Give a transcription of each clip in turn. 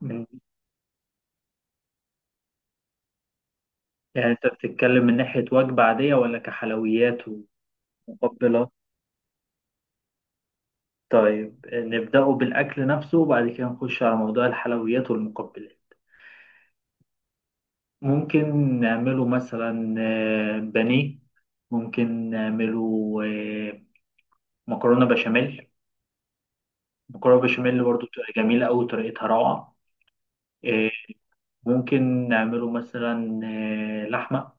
مم. يعني انت بتتكلم من ناحية وجبة عادية ولا كحلويات ومقبلات؟ طيب نبدأه بالأكل نفسه وبعد كده نخش على موضوع الحلويات والمقبلات. ممكن نعمله مثلا بانيه، ممكن نعمله مكرونة بشاميل. مكرونة بشاميل برضو بتبقى جميلة أوي، طريقتها روعة. آه، ممكن نعمله مثلا لحمة.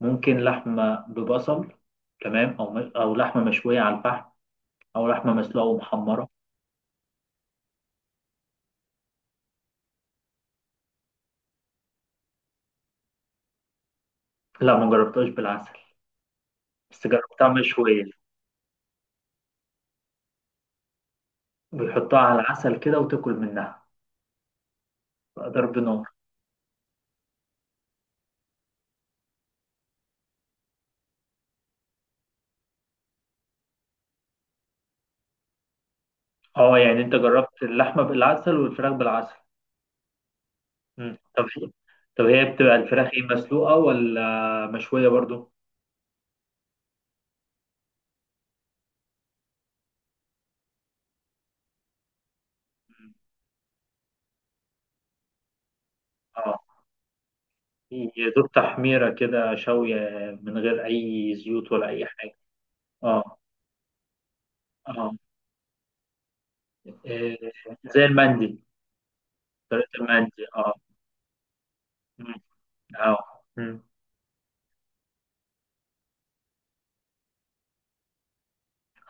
ممكن لحمة ببصل، تمام. أو لحمة مشوية على الفحم، أو لحمة مسلوقة ومحمرة. لا، ما جربتهاش بالعسل، بس جربتها مشوية. بيحطها على العسل كده وتاكل منها، بقى ضرب نار. اه، يعني انت جربت اللحمة بالعسل والفراخ بالعسل؟ مم. طب هي بتبقى الفراخ ايه، مسلوقة ولا مشوية برضو؟ مم. اه، يا دوب تحميرة كده شوية، من غير أي زيوت ولا أي حاجة. اه. اه. إيه، زي المندي، طريقة المندي، اه. مم. اه، مم.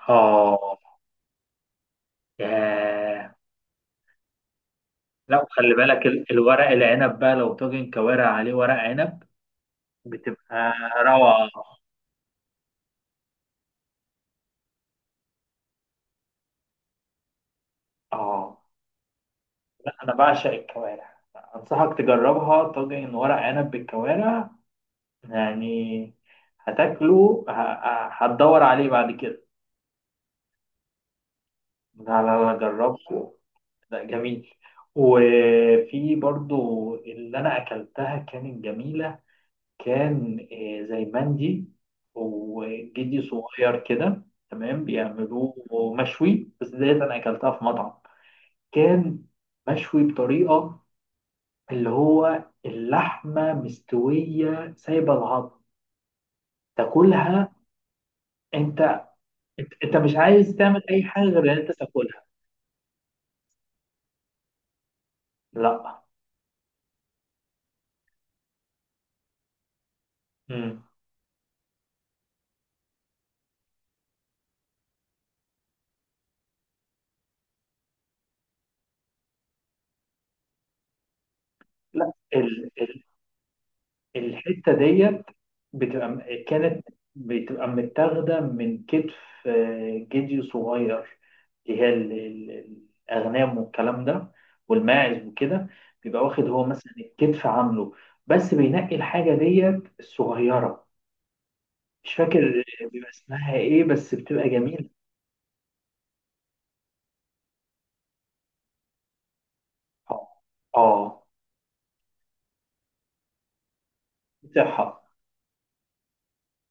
اه. ياه. لا، وخلي بالك الورق العنب بقى، لو طاجن كوارع عليه ورق عنب بتبقى روعة. اه. لا، انا بعشق الكوارع، انصحك تجربها طاجن ورق عنب بالكوارع، يعني هتاكله هتدور عليه بعد كده. لا لا لا، جربه. لا، جميل. وفي برضو اللي انا اكلتها كانت جميلة، كان زي مندي وجدي صغير كده. تمام، بيعملوه مشوي. بس ديت انا اكلتها في مطعم، كان مشوي بطريقه، اللي هو اللحمه مستويه سايبه العظم، تاكلها. انت انت أنت مش عايز تعمل اي حاجه غير ان انت تاكلها. لا. مم. لا، الحتة ديت بتبقى كانت بتبقى متاخدة من كتف جدي صغير، اللي هي الأغنام والكلام ده، والماعز وكده. بيبقى واخد هو مثلا الكتف عامله، بس بينقي الحاجة ديت الصغيرة. مش فاكر بيبقى اسمها ايه، بس بتبقى جميلة. اه. اه، صحة.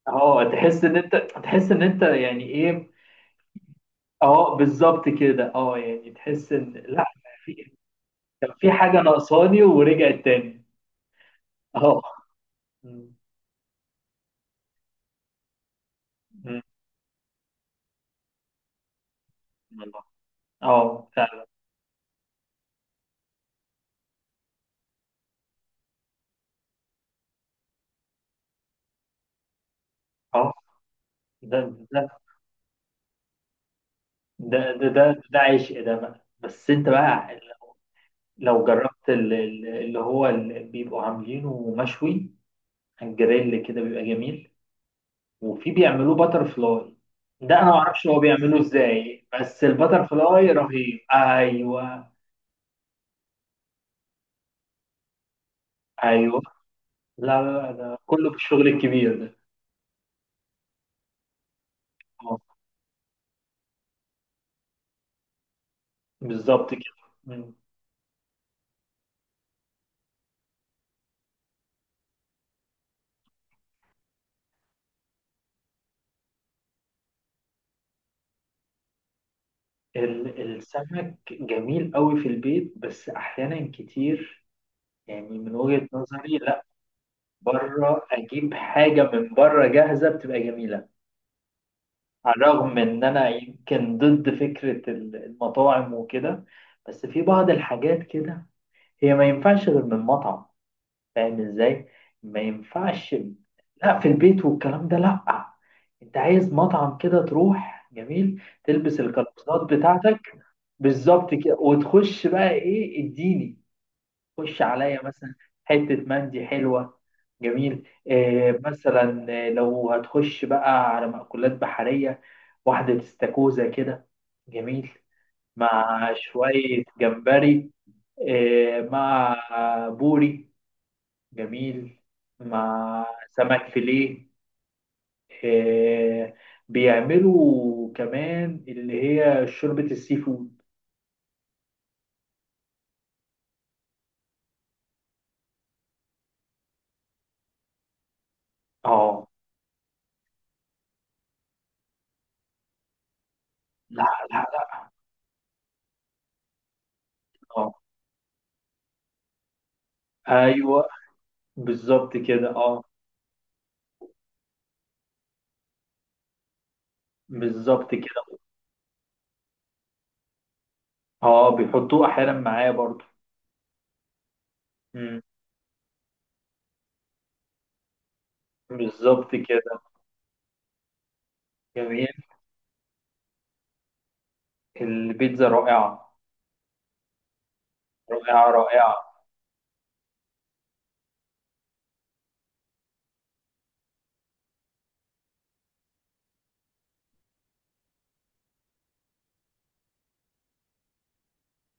اه، تحس ان انت تحس ان انت يعني ايه. اه، بالظبط كده. اه، يعني تحس ان لا، كان في حاجة ناقصاني ورجعت تاني. اهو. م- م- والله. اه، فعلا. اه. ده ده ده عشق ده بقى. بس انت بقى لو جربت اللي هو اللي بيبقوا عاملينه مشوي على الجريل كده، بيبقى جميل. وفي بيعملوه باتر فلاي، ده انا ما اعرفش هو بيعمله ازاي، بس الباتر فلاي رهيب. ايوه، ايوه. لا لا لا، ده كله بالشغل الكبير ده. اه، بالظبط كده. السمك جميل قوي في البيت، بس احيانا كتير يعني من وجهة نظري لا، بره اجيب حاجة من بره جاهزة بتبقى جميلة. على الرغم من ان انا يمكن ضد فكرة المطاعم وكده، بس في بعض الحاجات كده هي ما ينفعش غير من مطعم، فاهم ازاي؟ ما ينفعش لا، في البيت والكلام ده لا. انت عايز مطعم كده تروح جميل، تلبس القفازات بتاعتك. بالظبط كده، وتخش بقى ايه، اديني. خش عليا مثلا حتة مندي حلوة، جميل. إيه مثلا، لو هتخش بقى على مأكولات بحرية، واحدة استاكوزا كده، جميل. مع شوية جمبري، إيه، مع بوري، جميل. مع سمك فيليه. آه بيعملوا كمان اللي هي شوربة السي فود. اه. لا لا لا. اه، ايوه، بالظبط كده. اه، بالظبط كده. اه، بيحطوه احيانا معاه برضو. مم. بالظبط كده. جميل. البيتزا رائعة، رائعة رائعة.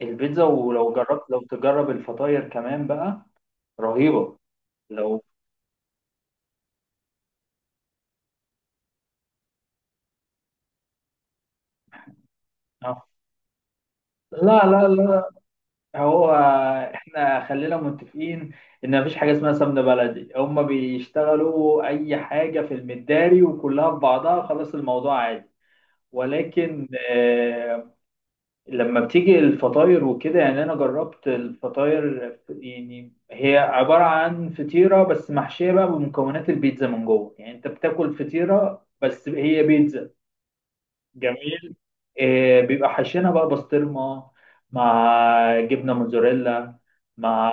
البيتزا، ولو جربت، لو تجرب الفطاير كمان بقى، رهيبة. لو آه. لا لا لا، هو احنا خلينا متفقين ان مفيش حاجه اسمها سمنه بلدي، هما بيشتغلوا اي حاجه في المداري وكلها في بعضها، خلاص الموضوع عادي. ولكن لما بتيجي الفطاير وكده، يعني انا جربت الفطاير، يعني هي عباره عن فطيره بس محشيه بقى بمكونات البيتزا من جوه، يعني انت بتاكل فطيره بس هي بيتزا. جميل. بيبقى حاشينها بقى بسطرمة، مع جبنة موتزاريلا، مع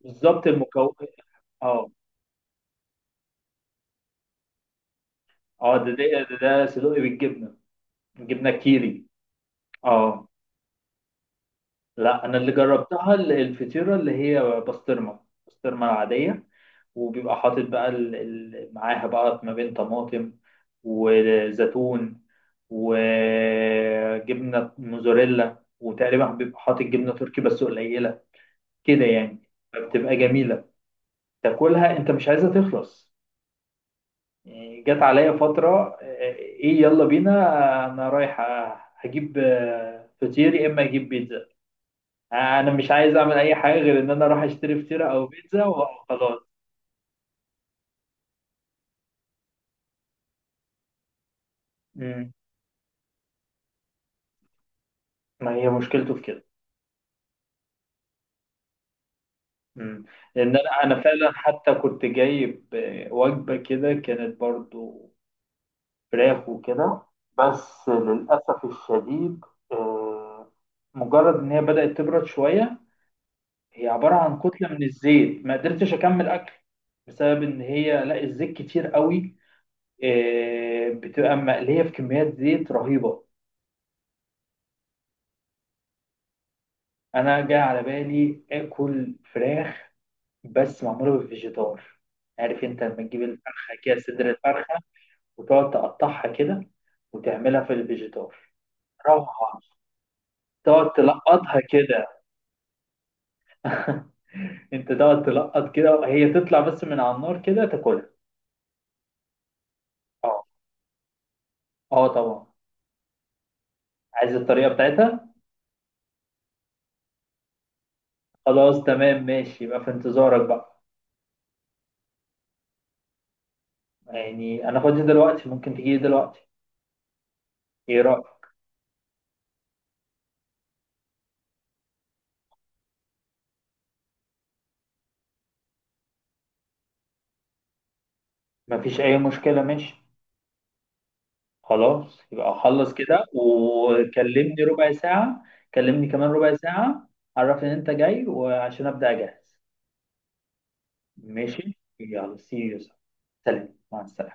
بالظبط المكون. اه. اه. ده صدقي بالجبنة، جبنة كيري. اه. لا، انا اللي جربتها الفطيرة اللي هي بسطرمة، بسطرمة العادية. وبيبقى حاطط بقى معاها بقى ما بين طماطم وزيتون وجبنة موزاريلا، وتقريبا بيبقى حاطط جبنة تركي بس قليلة كده يعني، فبتبقى جميلة. تاكلها انت مش عايزها تخلص. يعني جت عليا فترة ايه يلا بينا، انا رايح، هجيب فطير يا اما اجيب بيتزا. انا مش عايز اعمل اي حاجة غير ان انا اروح اشتري فطيرة او بيتزا وخلاص. مم. ما هي مشكلته في كده. مم. لان انا فعلا حتى كنت جايب وجبة كده، كانت برضو فراخ وكده. بس للأسف الشديد آه، مجرد ان هي بدأت تبرد شوية، هي عبارة عن كتلة من الزيت، ما قدرتش أكمل أكل بسبب إن هي لا الزيت كتير قوي، بتبقى مقلية في كميات زيت رهيبة. أنا جاي على بالي آكل فراخ، بس معمولة بالفيجيتار. عارف أنت لما تجيب الفرخة كده، صدر الفرخة، وتقعد تقطعها كده، وتعملها في الفيجيتار، روعة. تقعد تلقطها كده. أنت تقعد تلقط كده، هي تطلع بس من على النار كده تاكلها. أه. أه، طبعا. عايز الطريقة بتاعتها؟ خلاص، تمام، ماشي، يبقى في انتظارك بقى. يعني انا فاضي دلوقتي، ممكن تجيلي دلوقتي، ايه رأيك؟ مفيش اي مشكلة، ماشي. خلاص، يبقى اخلص كده وكلمني ربع ساعة. كلمني كمان ربع ساعة، عرف ان انت جاي وعشان ابدأ اجهز. ماشي، يلا، سي يو. سلام، مع السلامة.